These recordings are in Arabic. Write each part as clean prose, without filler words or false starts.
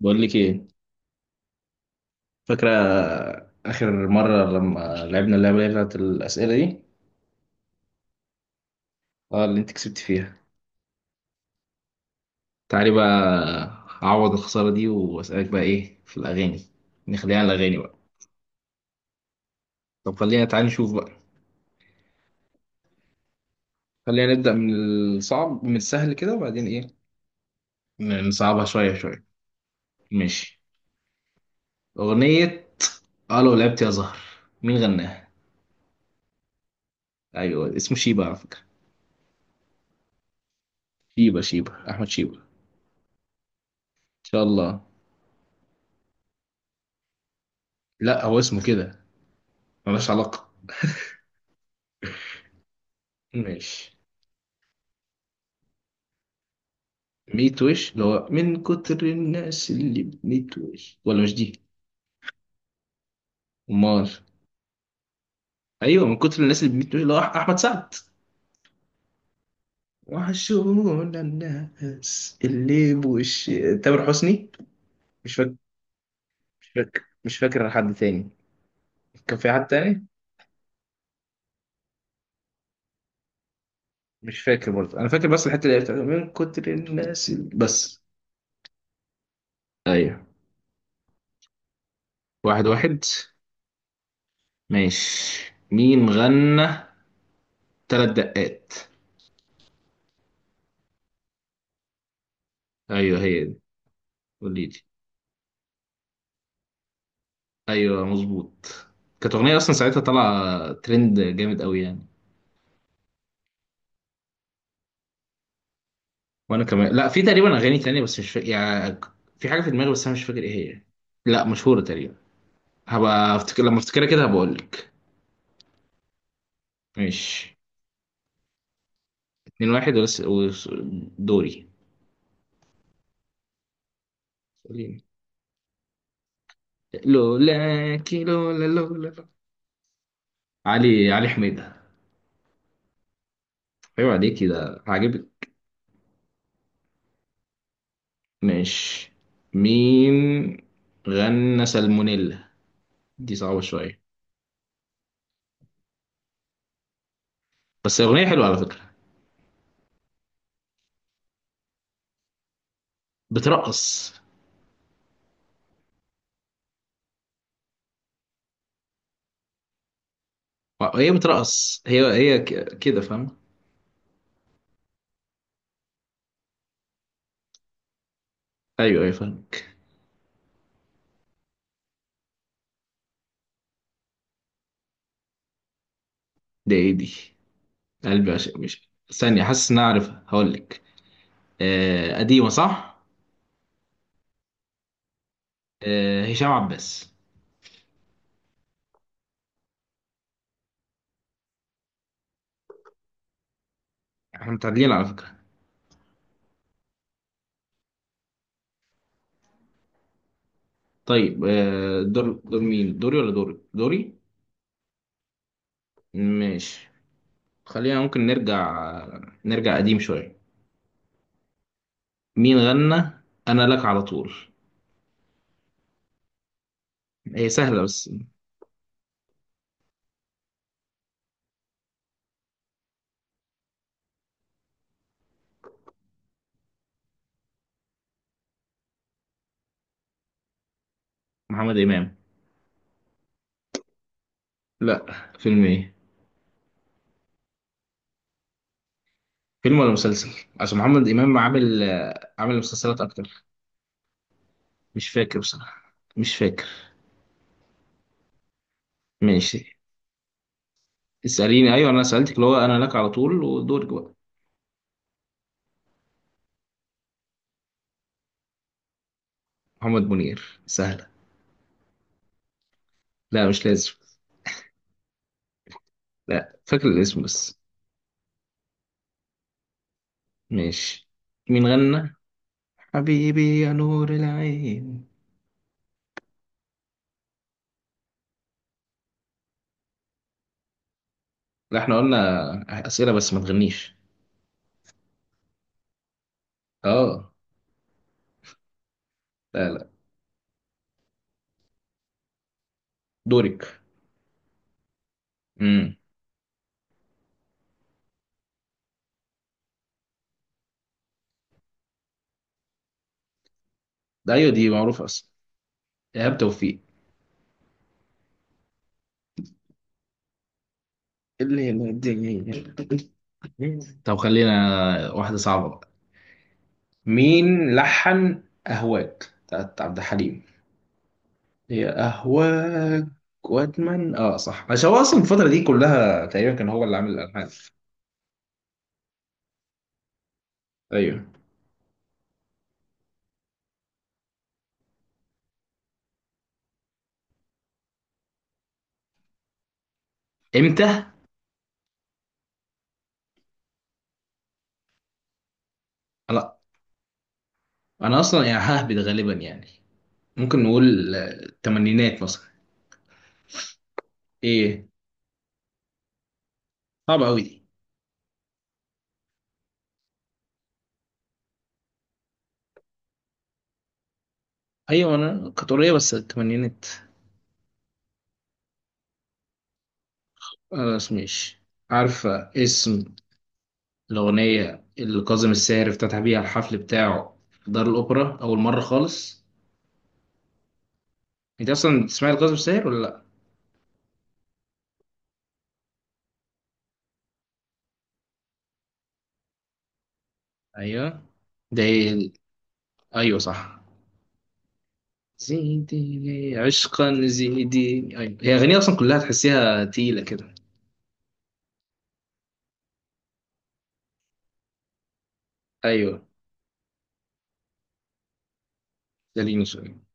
بقول لك ايه؟ فاكره اخر مره لما لعبنا اللعبه اللي هي بتاعت الاسئله دي؟ اه، اللي انت كسبت فيها. تعالي بقى اعوض الخساره دي واسالك بقى ايه في الاغاني. نخليها على الاغاني بقى. طب خلينا، تعالي نشوف بقى. خلينا نبدا من الصعب، من السهل كده وبعدين ايه، نصعبها شويه شويه. ماشي. اغنيه. اه، لو لعبت يا زهر، مين غناها؟ ايوه، اسمه شيبه على فكره. شيبه شيبه احمد شيبه. ان شاء الله. لا، هو اسمه كده، ملوش علاقه. ماشي. ميت وش، اللي هو من كتر الناس اللي بميت وش، ولا مش دي؟ امال؟ ايوه، من كتر الناس اللي بميت وش، اللي هو احمد سعد. وحشونا الناس اللي بوش. تامر حسني. مش فاكر. مش فاكر حد تاني. كان في حد تاني. مش فاكر برضه، انا فاكر بس الحته اللي هي بتاعت من كتر الناس اللي بس. ايوه. واحد واحد. ماشي، مين غنى ثلاث دقات؟ ايوه، هي دي. قولي لي. ايوه، مظبوط. كانت اغنيه اصلا ساعتها طالعه ترند جامد قوي يعني. وانا كمان، لا، في تقريبا اغاني تانية بس مش فاكر يعني. في حاجه في دماغي بس انا مش فاكر ايه هي. لا، مشهوره تقريبا. هبقى افتكر لما افتكرها كده هبقول لك. ماشي. اتنين واحد دوري. سؤالين. لولاكي، لولا لولا لولا. علي حميدة. ايوه، عليكي ده عاجبك. ماشي. مين غنى سالمونيلا؟ دي صعبة شوية. بس أغنية حلوة على فكرة. بترقص. هي بترقص، كده، فاهم؟ ايوه ايوه، فاهمك. ده ايه دي؟ قلبي عشق، مش ثانية، حاسس ان انا عارفها، هقول لك. آه، قديمة صح. آه، هشام عباس. احنا متعادلين على فكرة. طيب، دور دور مين، دوري ولا دوري دوري؟ ماشي. خلينا، ممكن نرجع قديم شوية. مين غنى انا لك على طول؟ هي سهلة بس. محمد امام. لا، فيلم ايه؟ فيلم ولا مسلسل؟ عشان محمد امام عامل مسلسلات اكتر. مش فاكر بصراحة، مش فاكر. ماشي. اسأليني، أيوة أنا سألتك اللي هو أنا لك على طول، ودورك بقى. محمد منير، سهلة. لا مش لازم. لا، فاكر الاسم بس. ماشي. مين غنى حبيبي يا نور العين؟ لا، احنا قلنا أسئلة بس ما تغنيش. اه. لا لا. دورك. امم ده أيوة دي معروفة أصلا. إيهاب توفيق. اللي هي الدنيا. طب خلينا، واحدة صعبة بقى. مين لحن أهواك بتاعت عبد الحليم؟ هي أهواك. وأدمن، آه صح، عشان هو أصلا الفترة دي كلها تقريبا كان هو اللي عامل الألحان. أيوه. إمتى؟ لا، أنا أصلا يعني ههبد غالبا يعني. ممكن نقول التمانينات مثلا. إيه؟ صعبة أوي دي. أيوه، أنا كانت قريبة بس التمانينات. خلاص ماشي. عارفة اسم الأغنية اللي كاظم الساهر افتتح بيها الحفل بتاعه في دار الأوبرا أول مرة خالص؟ أنت أصلا بتسمعي لكاظم الساهر ولا لأ؟ أيوه. ده إيه؟ أيوه صح. زيديني عشقا زيديني، ايوه هي اغنيه اصلا كلها تحسيها تقيله كده. ايوه. ده ليه مسؤولية.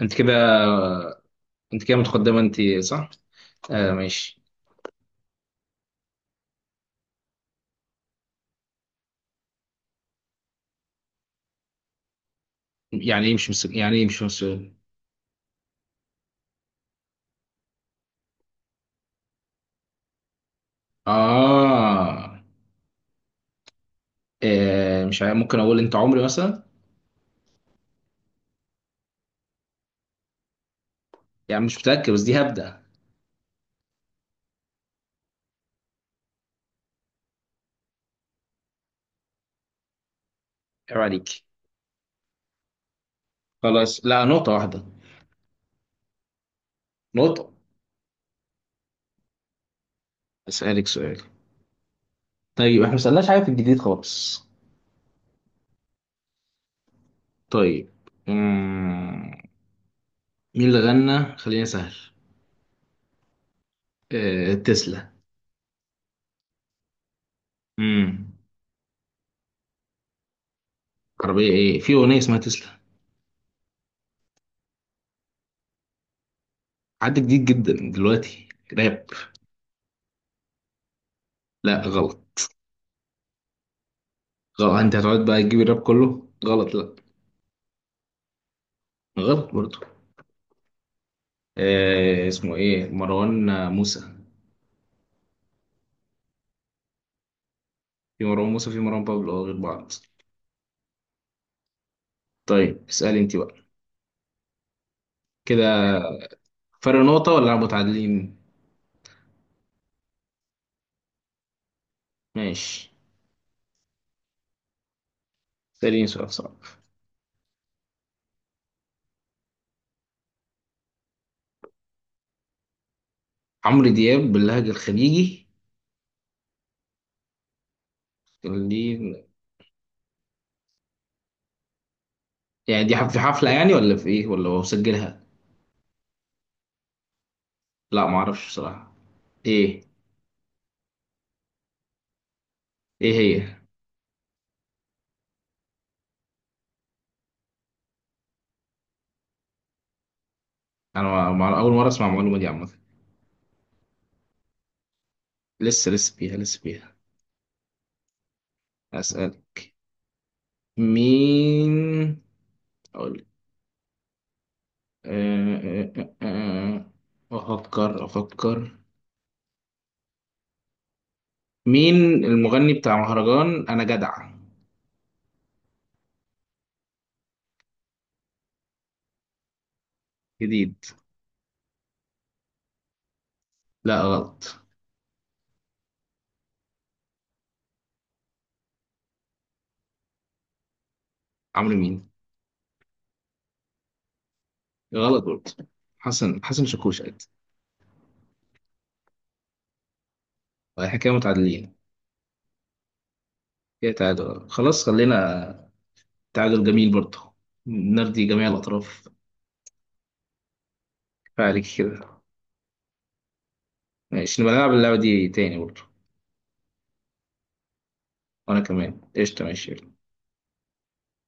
انت كده. انت كده متقدمه انت. صح. آه ماشي. يعني ايه مش مسؤول؟ يعني ايه مش مسؤول؟ اه. مش عارف. ممكن اقول انت عمري مثلا. يعني مش متاكد بس دي هبدا. عيب عليك. خلاص، لا، نقطه واحده. نقطه. اسالك سؤال. طيب، احنا ما سالناش حاجه في الجديد خالص. طيب. مم. مين اللي غنى خلينا سهل؟ تسلا. امم عربية؟ ايه، في أغنية اسمها تسلا. حد جديد جدا دلوقتي. راب. لا، غلط. غلط. انت هتقعد بقى تجيب الراب كله غلط؟ لا، غلط برضه. اسمه ايه، مروان موسى. في مروان موسى في مروان بابلو، غير بعض. طيب اسألي انت بقى. كده فرق نقطة ولا متعادلين؟ ماشي. اسأليني سؤال صعب. عمرو دياب باللهجة الخليجي؟ دي يعني، دي في حفلة يعني، ولا في ايه، ولا هو مسجلها؟ لا، معرفش بصراحة. ايه؟ ايه هي؟ انا اول مره اسمع المعلومه دي عامه. لسه، لسه فيها، لسه فيها. اسالك. مين. اقول. أه أه أه أه. افكر افكر. مين المغني بتاع مهرجان انا جدع؟ جديد. لا، غلط. عمرو مين؟ غلط برضه. حسن شاكوش قد. احنا كده متعادلين. كده تعادل. خلاص، خلينا. تعادل جميل برضه. نرضي جميع الاطراف. كفاية عليك كده. ماشي، نبقى نلعب اللعبه دي تاني برضه. وانا كمان قشطه. ماشي.